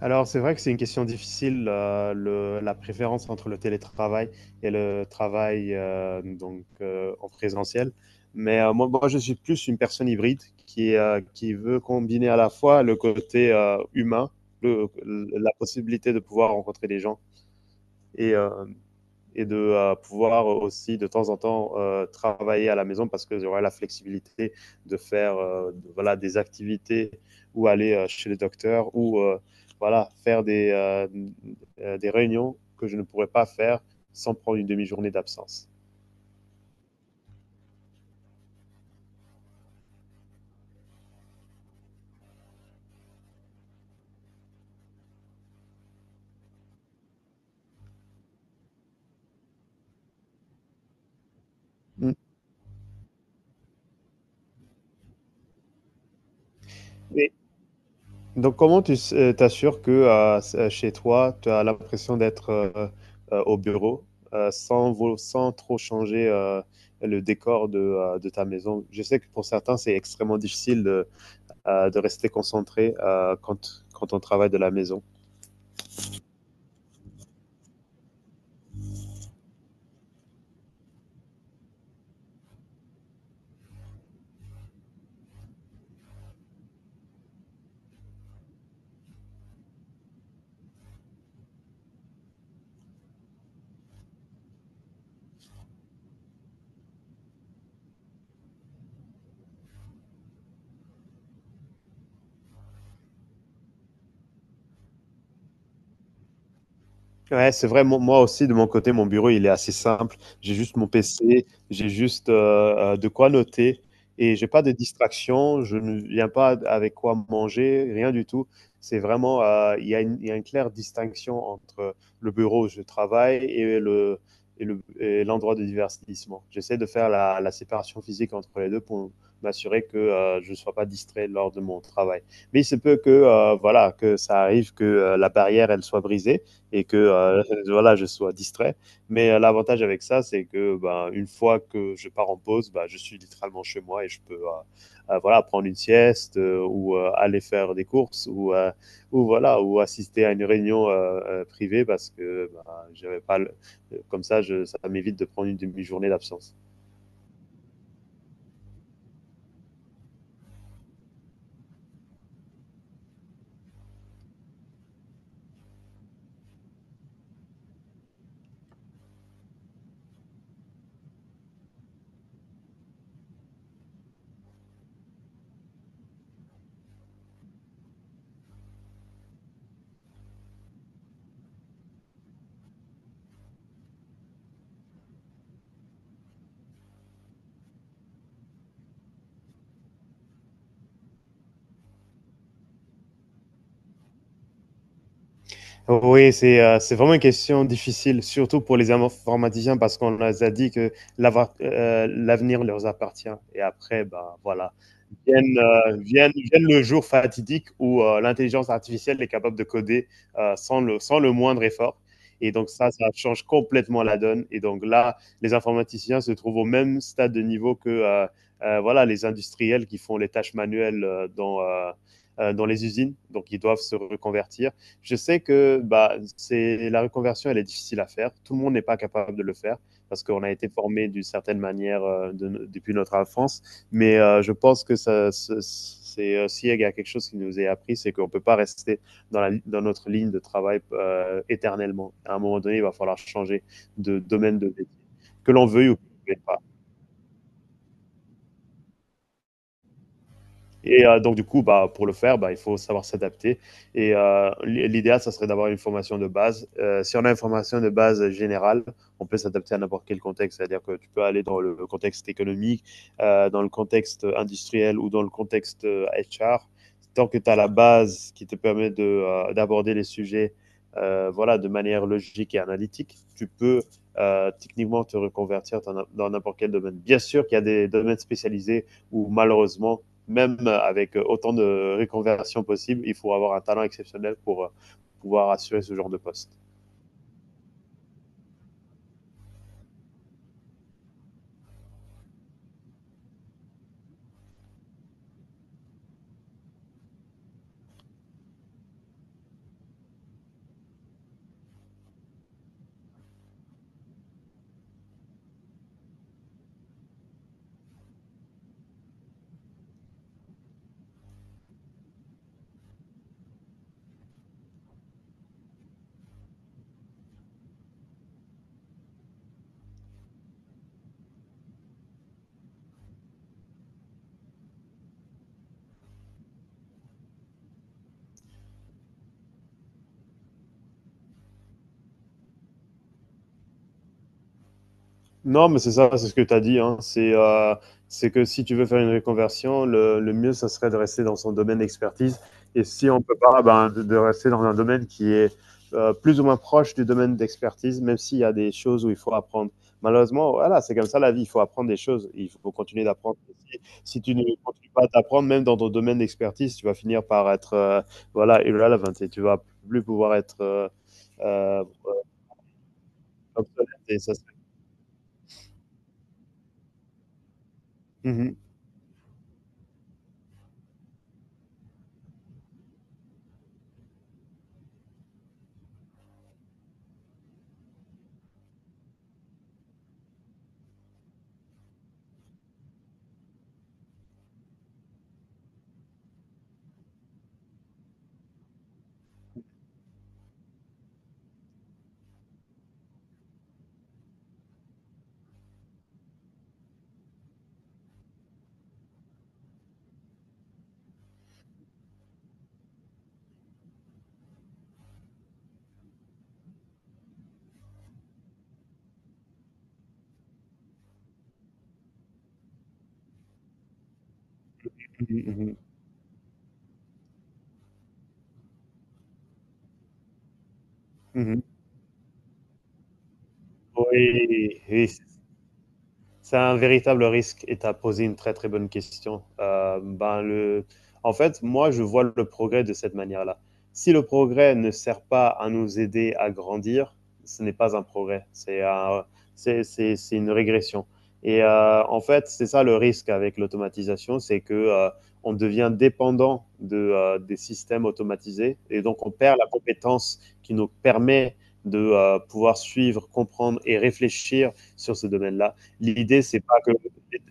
Alors, c'est vrai que c'est une question difficile, la préférence entre le télétravail et le travail donc en présentiel. Mais moi, je suis plus une personne hybride qui veut combiner à la fois le côté humain, la possibilité de pouvoir rencontrer des gens et et de pouvoir aussi de temps en temps travailler à la maison parce que j'aurai la flexibilité de faire voilà, des activités ou aller chez les docteurs ou voilà, faire des réunions que je ne pourrais pas faire sans prendre une demi-journée d'absence. Mm. Et Donc, comment tu t'assures que chez toi, tu as l'impression d'être au bureau sans trop changer le décor de ta maison? Je sais que pour certains, c'est extrêmement difficile de rester concentré quand on travaille de la maison. Ouais, c'est vrai. Moi aussi, de mon côté, mon bureau, il est assez simple. J'ai juste mon PC, j'ai juste de quoi noter et j'ai pas de distraction. Je ne viens pas avec quoi manger, rien du tout. C'est vraiment, il y a une claire distinction entre le bureau où je travaille et l'endroit de divertissement. J'essaie de faire la séparation physique entre les deux pour m'assurer que je ne sois pas distrait lors de mon travail. Mais il se peut que, voilà, que ça arrive que la barrière, elle soit brisée et que voilà, je sois distrait. Mais l'avantage avec ça, c'est que ben, une fois que je pars en pause, ben, je suis littéralement chez moi et je peux voilà prendre une sieste ou aller faire des courses ou voilà ou assister à une réunion privée parce que ben, j'avais pas le- comme ça, ça m'évite de prendre une demi-journée d'absence. Oui, c'est vraiment une question difficile, surtout pour les informaticiens parce qu'on les a dit que l'avenir leur appartient. Et après, ben voilà. Vienne le jour fatidique où l'intelligence artificielle est capable de coder sans le moindre effort. Et donc ça change complètement la donne. Et donc là, les informaticiens se trouvent au même stade de niveau que voilà, les industriels qui font les tâches manuelles dans les usines. Donc ils doivent se reconvertir. Je sais que bah, la reconversion, elle est difficile à faire. Tout le monde n'est pas capable de le faire parce qu'on a été formé d'une certaine manière depuis notre enfance. Mais je pense que ça, c'est aussi il y a quelque chose qui nous est appris, c'est qu'on ne peut pas rester dans notre ligne de travail éternellement. À un moment donné, il va falloir changer de domaine de métier, que l'on veuille ou que l'on ne veuille pas. Et donc, du coup, bah, pour le faire, bah, il faut savoir s'adapter. Et l'idéal, ça serait d'avoir une formation de base. Si on a une formation de base générale, on peut s'adapter à n'importe quel contexte. C'est-à-dire que tu peux aller dans le contexte économique, dans le contexte industriel ou dans le contexte HR. Tant que tu as la base qui te permet d'aborder les sujets voilà, de manière logique et analytique, tu peux techniquement te reconvertir dans n'importe quel domaine. Bien sûr qu'il y a des domaines spécialisés où malheureusement, même avec autant de reconversions possibles, il faut avoir un talent exceptionnel pour pouvoir assurer ce genre de poste. Non, mais c'est ça, c'est ce que tu as dit. Hein. C'est que si tu veux faire une reconversion, le mieux, ça serait de rester dans son domaine d'expertise. Et si on peut pas, ben, de rester dans un domaine qui est plus ou moins proche du domaine d'expertise, même s'il y a des choses où il faut apprendre. Malheureusement, voilà, c'est comme ça la vie. Il faut apprendre des choses. Il faut continuer d'apprendre. Si tu ne continues pas d'apprendre, même dans ton domaine d'expertise, tu vas finir par être voilà, irrelevant et tu vas plus pouvoir être euh, obsolète. Mhm, mhm, mhm, mhm. Oui, oui, c'est un véritable risque et tu as posé une très très bonne question. En fait, moi, je vois le progrès de cette manière-là. Si le progrès ne sert pas à nous aider à grandir, ce n'est pas un progrès, c'est un, c'est une régression. Et en fait, c'est ça le risque avec l'automatisation, c'est que on devient dépendant des systèmes automatisés et donc on perd la compétence qui nous permet de pouvoir suivre, comprendre et réfléchir sur ce domaine-là. L'idée, c'est pas que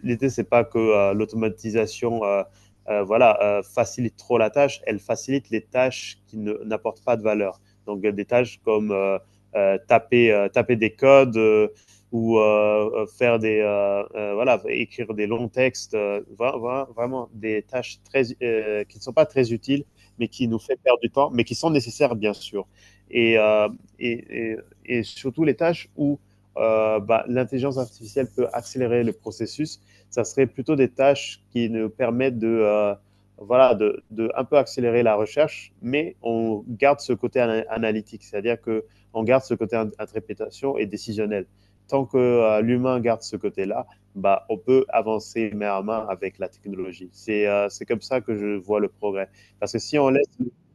l'idée, c'est pas que l'automatisation voilà, facilite trop la tâche, elle facilite les tâches qui n'apportent pas de valeur. Donc, des tâches comme taper des codes ou faire des, voilà, écrire des longs textes, vraiment des tâches très, qui ne sont pas très utiles, mais qui nous fait perdre du temps, mais qui sont nécessaires, bien sûr. Et, euh, et, et, et surtout les tâches où bah, l'intelligence artificielle peut accélérer le processus. Ça serait plutôt des tâches qui nous permettent de, voilà, de un peu accélérer la recherche, mais on garde ce côté analytique, c'est-à-dire que on garde ce côté interprétation et décisionnel. Tant que l'humain garde ce côté-là, bah, on peut avancer main à main avec la technologie. C'est comme ça que je vois le progrès. Parce que si on laisse,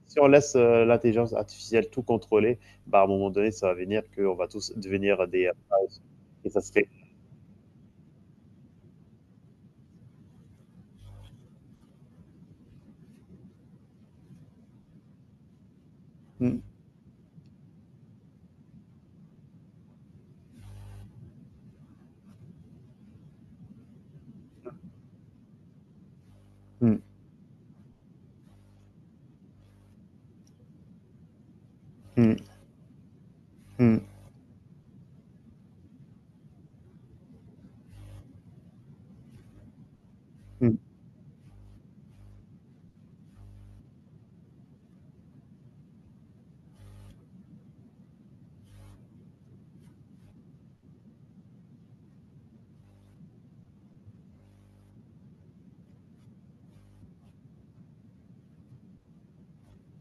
si on laisse l'intelligence artificielle tout contrôler, bah, à un moment donné, ça va venir qu'on va tous devenir des, et ça se fait. Mm, mm, mm, mm, mm,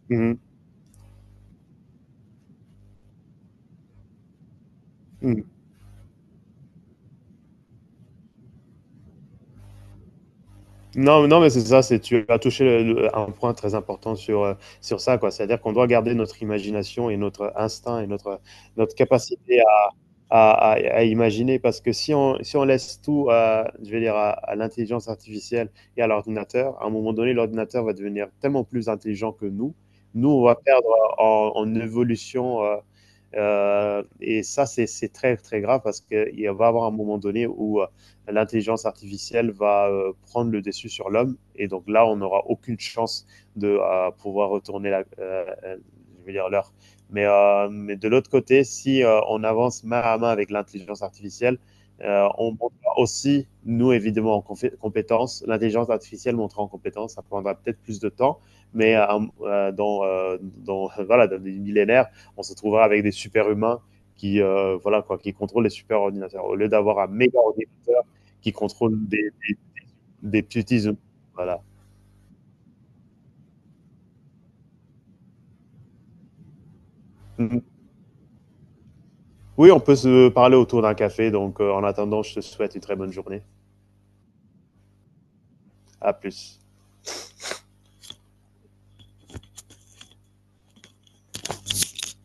mm, mm. Non, non, mais c'est ça, c'est tu as touché un point très important sur ça, quoi. C'est-à-dire qu'on doit garder notre imagination et notre instinct et notre capacité à imaginer, parce que si on laisse tout, à, je vais dire, à l'intelligence artificielle et à l'ordinateur, à un moment donné, l'ordinateur va devenir tellement plus intelligent que nous. Nous, on va perdre en évolution. Et ça, c'est très, très grave parce qu'il va y avoir un moment donné où l'intelligence artificielle va prendre le dessus sur l'homme. Et donc là, on n'aura aucune chance de pouvoir retourner la, je veux dire l'heure. Mais de l'autre côté, si on avance main à main avec l'intelligence artificielle, on montera aussi, nous évidemment, en compétences. L'intelligence artificielle montera en compétences, ça prendra peut-être plus de temps, mais voilà, dans des millénaires, on se trouvera avec des super humains qui, voilà, quoi, qui contrôlent les super ordinateurs au lieu d'avoir un méga ordinateur qui contrôle des petits humains. Voilà. Mhm. Oui, on peut se parler autour d'un café. Donc, en attendant, je te souhaite une très bonne journée. À plus.